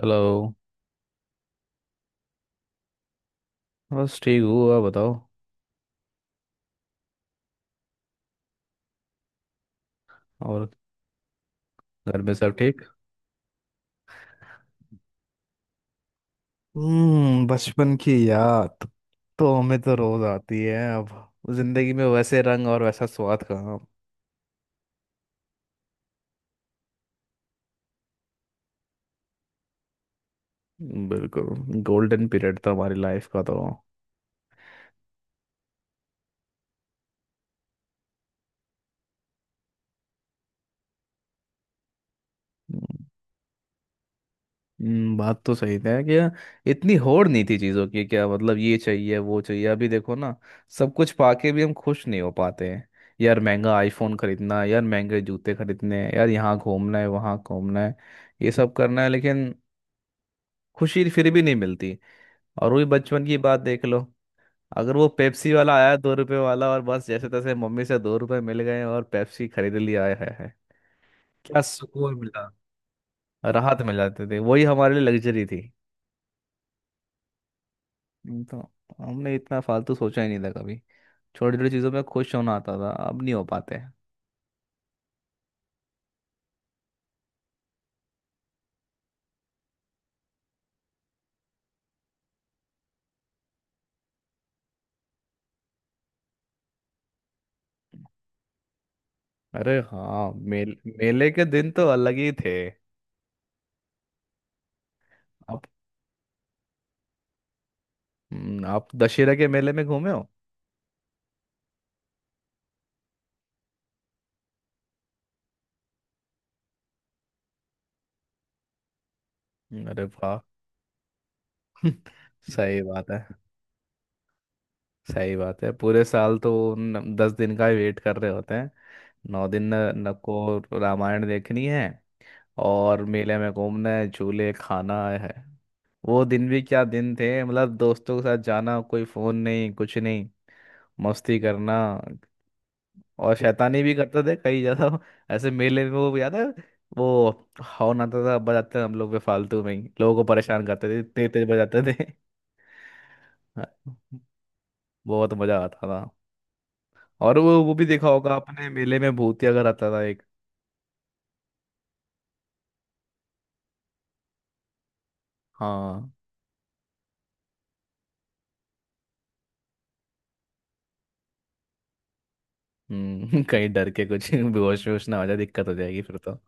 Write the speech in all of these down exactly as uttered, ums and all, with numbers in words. Hello. बस ठीक हूँ आप बताओ। और घर में सब ठीक। हम्म, बचपन की याद। तो हमें तो रोज आती है, अब जिंदगी में वैसे रंग और वैसा स्वाद कहाँ। बिल्कुल गोल्डन पीरियड था हमारी लाइफ का तो। हम्म, बात तो सही है कि इतनी होड़ नहीं थी चीज़ों की, क्या मतलब ये चाहिए वो चाहिए, अभी देखो ना। सब कुछ पाके भी हम खुश नहीं हो पाते हैं। यार महंगा आईफोन खरीदना है, यार महंगे जूते खरीदने हैं, यार यहाँ घूमना है वहाँ घूमना है। ये सब करना है लेकिन खुशी फिर भी नहीं मिलती। और वही बचपन की बात देख लो। अगर वो पेप्सी वाला आया दो रुपए वाला, और बस जैसे तैसे मम्मी से दो रुपए मिल गए और पेप्सी खरीद लिया है, है, है। क्या सुकून मिला। राहत मिल जाती थी, वही हमारे लिए लग्जरी थी। नहीं तो हमने इतना फालतू सोचा ही नहीं था कभी। छोटी छोटी चीज़ों पे खुश होना आता था, अब नहीं हो पाते। अरे हाँ, मेल, मेले के दिन तो अलग ही थे। आप हम्म, आप दशहरा के मेले में घूमे हो। अरे वाह। सही बात है। सही बात है, पूरे साल तो न, दस दिन का ही वेट कर रहे होते हैं। नौ दिन न, न को रामायण देखनी है और मेले में घूमना है, झूले खाना है। वो दिन भी क्या दिन थे, मतलब दोस्तों के साथ जाना, कोई फोन नहीं कुछ नहीं। मस्ती करना, और शैतानी भी करते थे कई ज्यादा। ऐसे मेले में, वो याद है, वो हॉर्न आता था, बजाते थे हम लोग बेफालतू में ही, लोगों को परेशान करते थे, तेज तेज बजाते थे। हाँ, बहुत मजा आता था। और वो वो भी देखा होगा आपने, मेले में भूतिया घर आता था एक। हाँ। हम्म। कहीं डर के कुछ बेहोश वेहोश ना हो जाए, दिक्कत हो जाएगी फिर तो।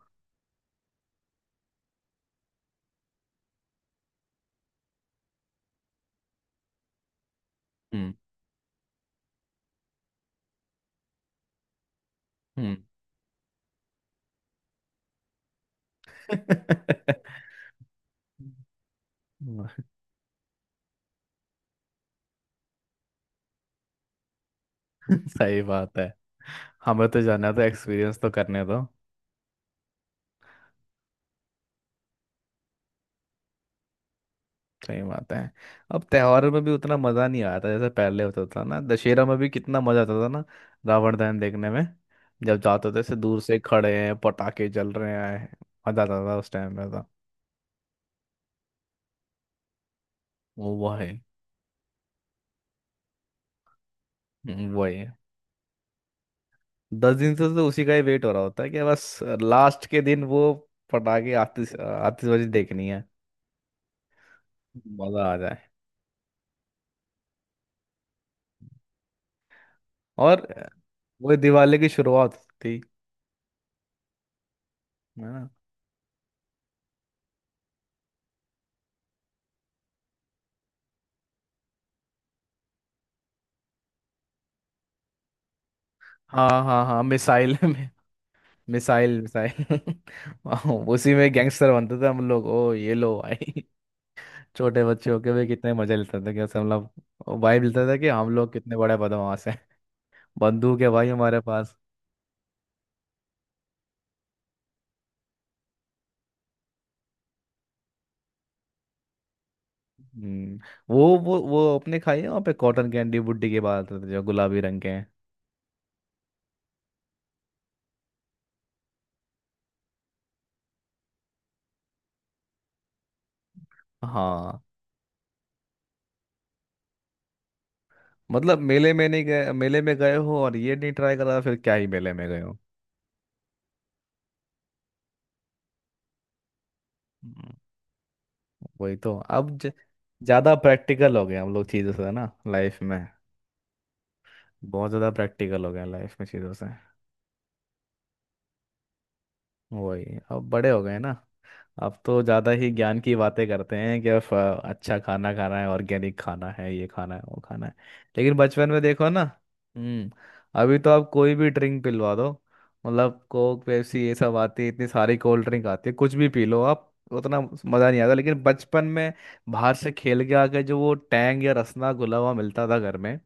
हम्म। हम्म। सही बात है। हमें तो जाना था, एक्सपीरियंस तो करने दो। सही बात है। अब त्योहारों में भी उतना मजा नहीं आता जैसे पहले होता था ना। दशहरा में भी कितना मजा आता था ना, रावण दहन देखने में। जब जाते थे, से दूर से खड़े हैं, पटाखे जल रहे हैं। मजा आता था उस टाइम में तो। वो वो है। हम्म, वो है। दस दिन से तो उसी का ही वेट हो रहा होता है कि बस लास्ट के दिन वो पटाखे, आतिश आतिशबाजी देखनी है। मजा आ जाए। और वो दिवाली की शुरुआत थी, है ना। हाँ हाँ हाँ, मिसाइल। Missile missile. वाह, उसी में गैंगस्टर बनते थे हम लोग, ओ ये लो भाई। छोटे बच्चे होके भी कितने मजे लेते थे, कैसे हम लोग वाइब लेते थे कि हम लोग कितने बड़े बदमाश हैं। बंदूक है भाई हमारे पास। हम्म। वो वो वो अपने खाई है वहाँ पे, कॉटन कैंडी बुड्डी के बाद आते थे जो गुलाबी रंग के हैं। हाँ। मतलब मेले में नहीं गए, मेले में गए हो और ये नहीं ट्राई करा, फिर क्या ही मेले में गए हो। हम्म, वही तो। अब ज- ज्यादा प्रैक्टिकल हो गए हम लोग चीजों से ना लाइफ में। बहुत ज़्यादा प्रैक्टिकल हो गया लाइफ में चीज़ों से। वही, अब बड़े हो गए ना। अब तो ज़्यादा ही ज्ञान की बातें करते हैं कि अब अ, अच्छा खाना खाना है, ऑर्गेनिक खाना है, ये खाना है वो खाना है। लेकिन बचपन में देखो ना। हम्म। अभी तो आप कोई भी ड्रिंक पिलवा दो, मतलब कोक पेप्सी ये सब आती है, इतनी सारी कोल्ड ड्रिंक आती है, कुछ भी पी लो आप, उतना मज़ा नहीं आता। लेकिन बचपन में बाहर से खेल के आके जो वो टैंग या रसना घुला हुआ मिलता था घर में,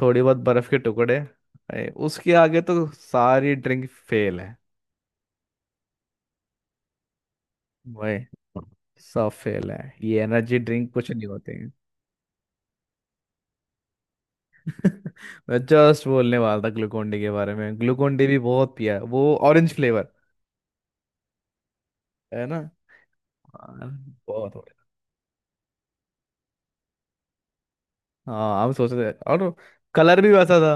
थोड़ी बहुत बर्फ के टुकड़े, ए, उसके आगे तो सारी ड्रिंक फेल है। वही, सब फेल है। ये एनर्जी ड्रिंक कुछ नहीं होते हैं। मैं जस्ट बोलने वाला था ग्लूकोन डी के बारे में, ग्लूकोन डी भी बहुत पिया है, वो ऑरेंज फ्लेवर, है ना। हाँ, बहुत हो गया। हाँ, हम सोच रहे थे, और कलर भी वैसा था।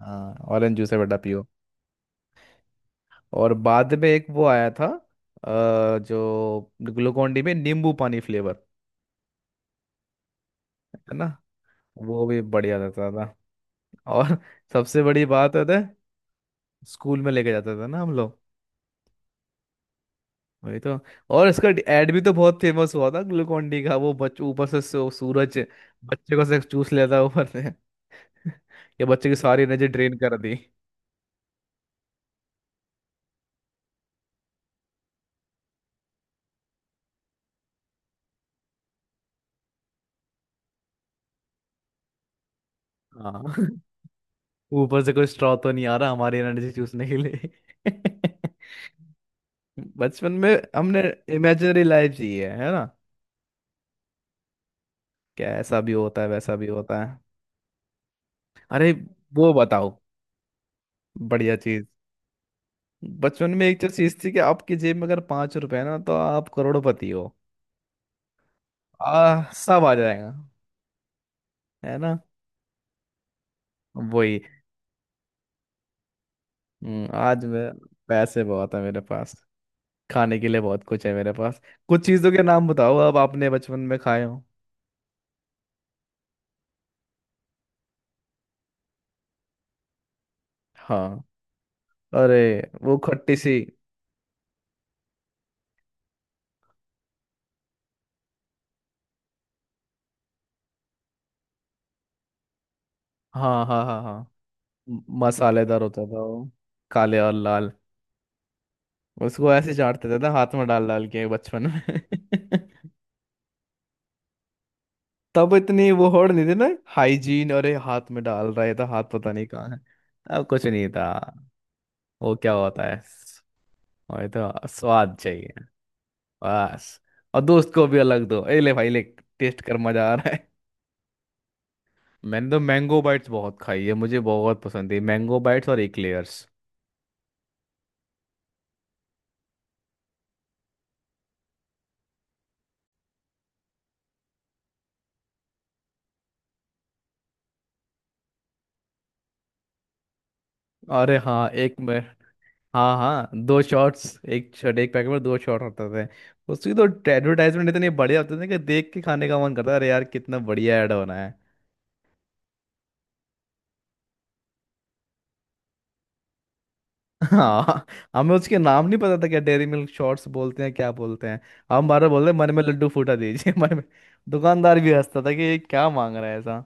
हाँ, ऑरेंज जूस है बेटा पियो। और बाद में एक वो आया था, अ, जो ग्लूकोन डी में नींबू पानी फ्लेवर, है ना। वो भी बढ़िया रहता था। और सबसे बड़ी बात है, स्कूल में लेके जाते थे ना हम लोग। वही तो। और इसका एड भी तो बहुत फेमस हुआ था ग्लूकोन डी का, वो बच्चे ऊपर से सू- सूरज बच्चे को से चूस लेता है ऊपर से। ये बच्चे की सारी एनर्जी ड्रेन कर दी। हाँ। ऊपर से कोई स्ट्रॉ तो नहीं आ रहा हमारी एनर्जी चूसने के लिए। बचपन में हमने इमेजिनरी लाइफ जी है है ना। क्या ऐसा भी होता है, वैसा भी होता है। अरे वो बताओ, बढ़िया चीज। बचपन में एक चीज थी कि आपकी जेब में अगर पांच रुपए है ना, तो आप करोड़पति हो। आ, सब आ जाएगा, है ना। वही। हम्म, आज मैं, पैसे बहुत है मेरे पास, खाने के लिए बहुत कुछ है मेरे पास। कुछ चीजों के नाम बताओ, अब आपने बचपन में खाए हो। हाँ। अरे वो खट्टी सी। हाँ हाँ हाँ हाँ। म- मसालेदार होता था वो, काले और लाल। उसको ऐसे चाटते थे ना, हाथ में डाल डाल के बचपन में। तब इतनी वो होड़ नहीं थी ना हाइजीन, अरे हाथ में डाल रहा था, हाथ पता नहीं कहाँ है। अब कुछ नहीं था, वो क्या होता है। वही तो, स्वाद चाहिए बस। और दोस्त को भी अलग दो, ए ले भाई ले, टेस्ट कर, मजा आ रहा है। मैंने तो मैंगो बाइट्स बहुत खाई है, मुझे बहुत पसंद है मैंगो बाइट्स और एक्लेयर्स। अरे हाँ, एक में। हाँ हाँ, दो शॉट्स, एक शॉट, एक पैकेट में दो शॉट होते थे। उसकी तो एडवर्टाइजमेंट इतनी बढ़िया होती थी कि देख के खाने का मन करता है, अरे यार कितना बढ़िया ऐड होना। हाँ। हमें उसके नाम नहीं पता था, क्या डेयरी मिल्क शॉट्स बोलते हैं, क्या बोलते हैं। हम बार बार बोलते हैं, मन में लड्डू फूटा दीजिए। मन में, दुकानदार भी हंसता था कि ये क्या मांग रहा है ऐसा।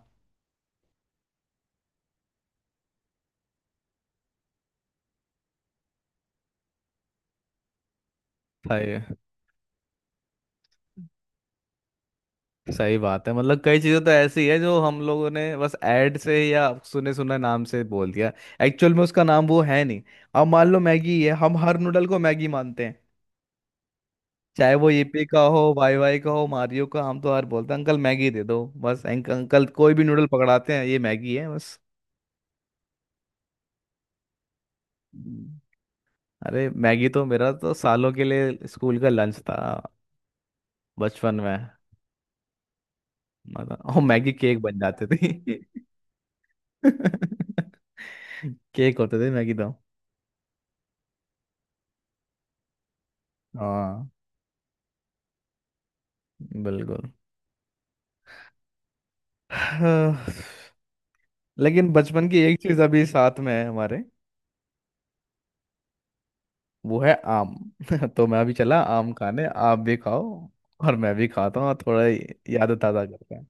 सही सही बात है, मतलब कई चीज़ें तो ऐसी है जो हम लोगों ने बस ऐड से या सुने सुने नाम से बोल दिया, एक्चुअल में उसका नाम वो है नहीं। अब मान लो मैगी है, हम हर नूडल को मैगी मानते हैं, चाहे वो ईपी का हो, वाई वाई का हो, मारियो का, हम तो हर बोलते हैं अंकल मैगी दे दो, बस अंक- अंकल कोई भी नूडल पकड़ाते हैं ये मैगी है बस। अरे मैगी तो मेरा तो सालों के लिए स्कूल का लंच था, बचपन में। मतलब, और मैगी केक बन जाते थे। केक होते थे मैगी तो। हाँ, बिल्कुल। हाँ, लेकिन बचपन की एक चीज अभी साथ में है हमारे, वो है आम। तो मैं अभी चला आम खाने, आप भी खाओ। और मैं भी खाता हूँ, और थोड़ा याद ताज़ा करते हैं।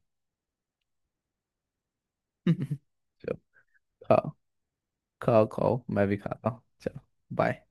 चलो, खाओ खाओ खाओ, मैं भी खाता हूँ, चलो। बाय।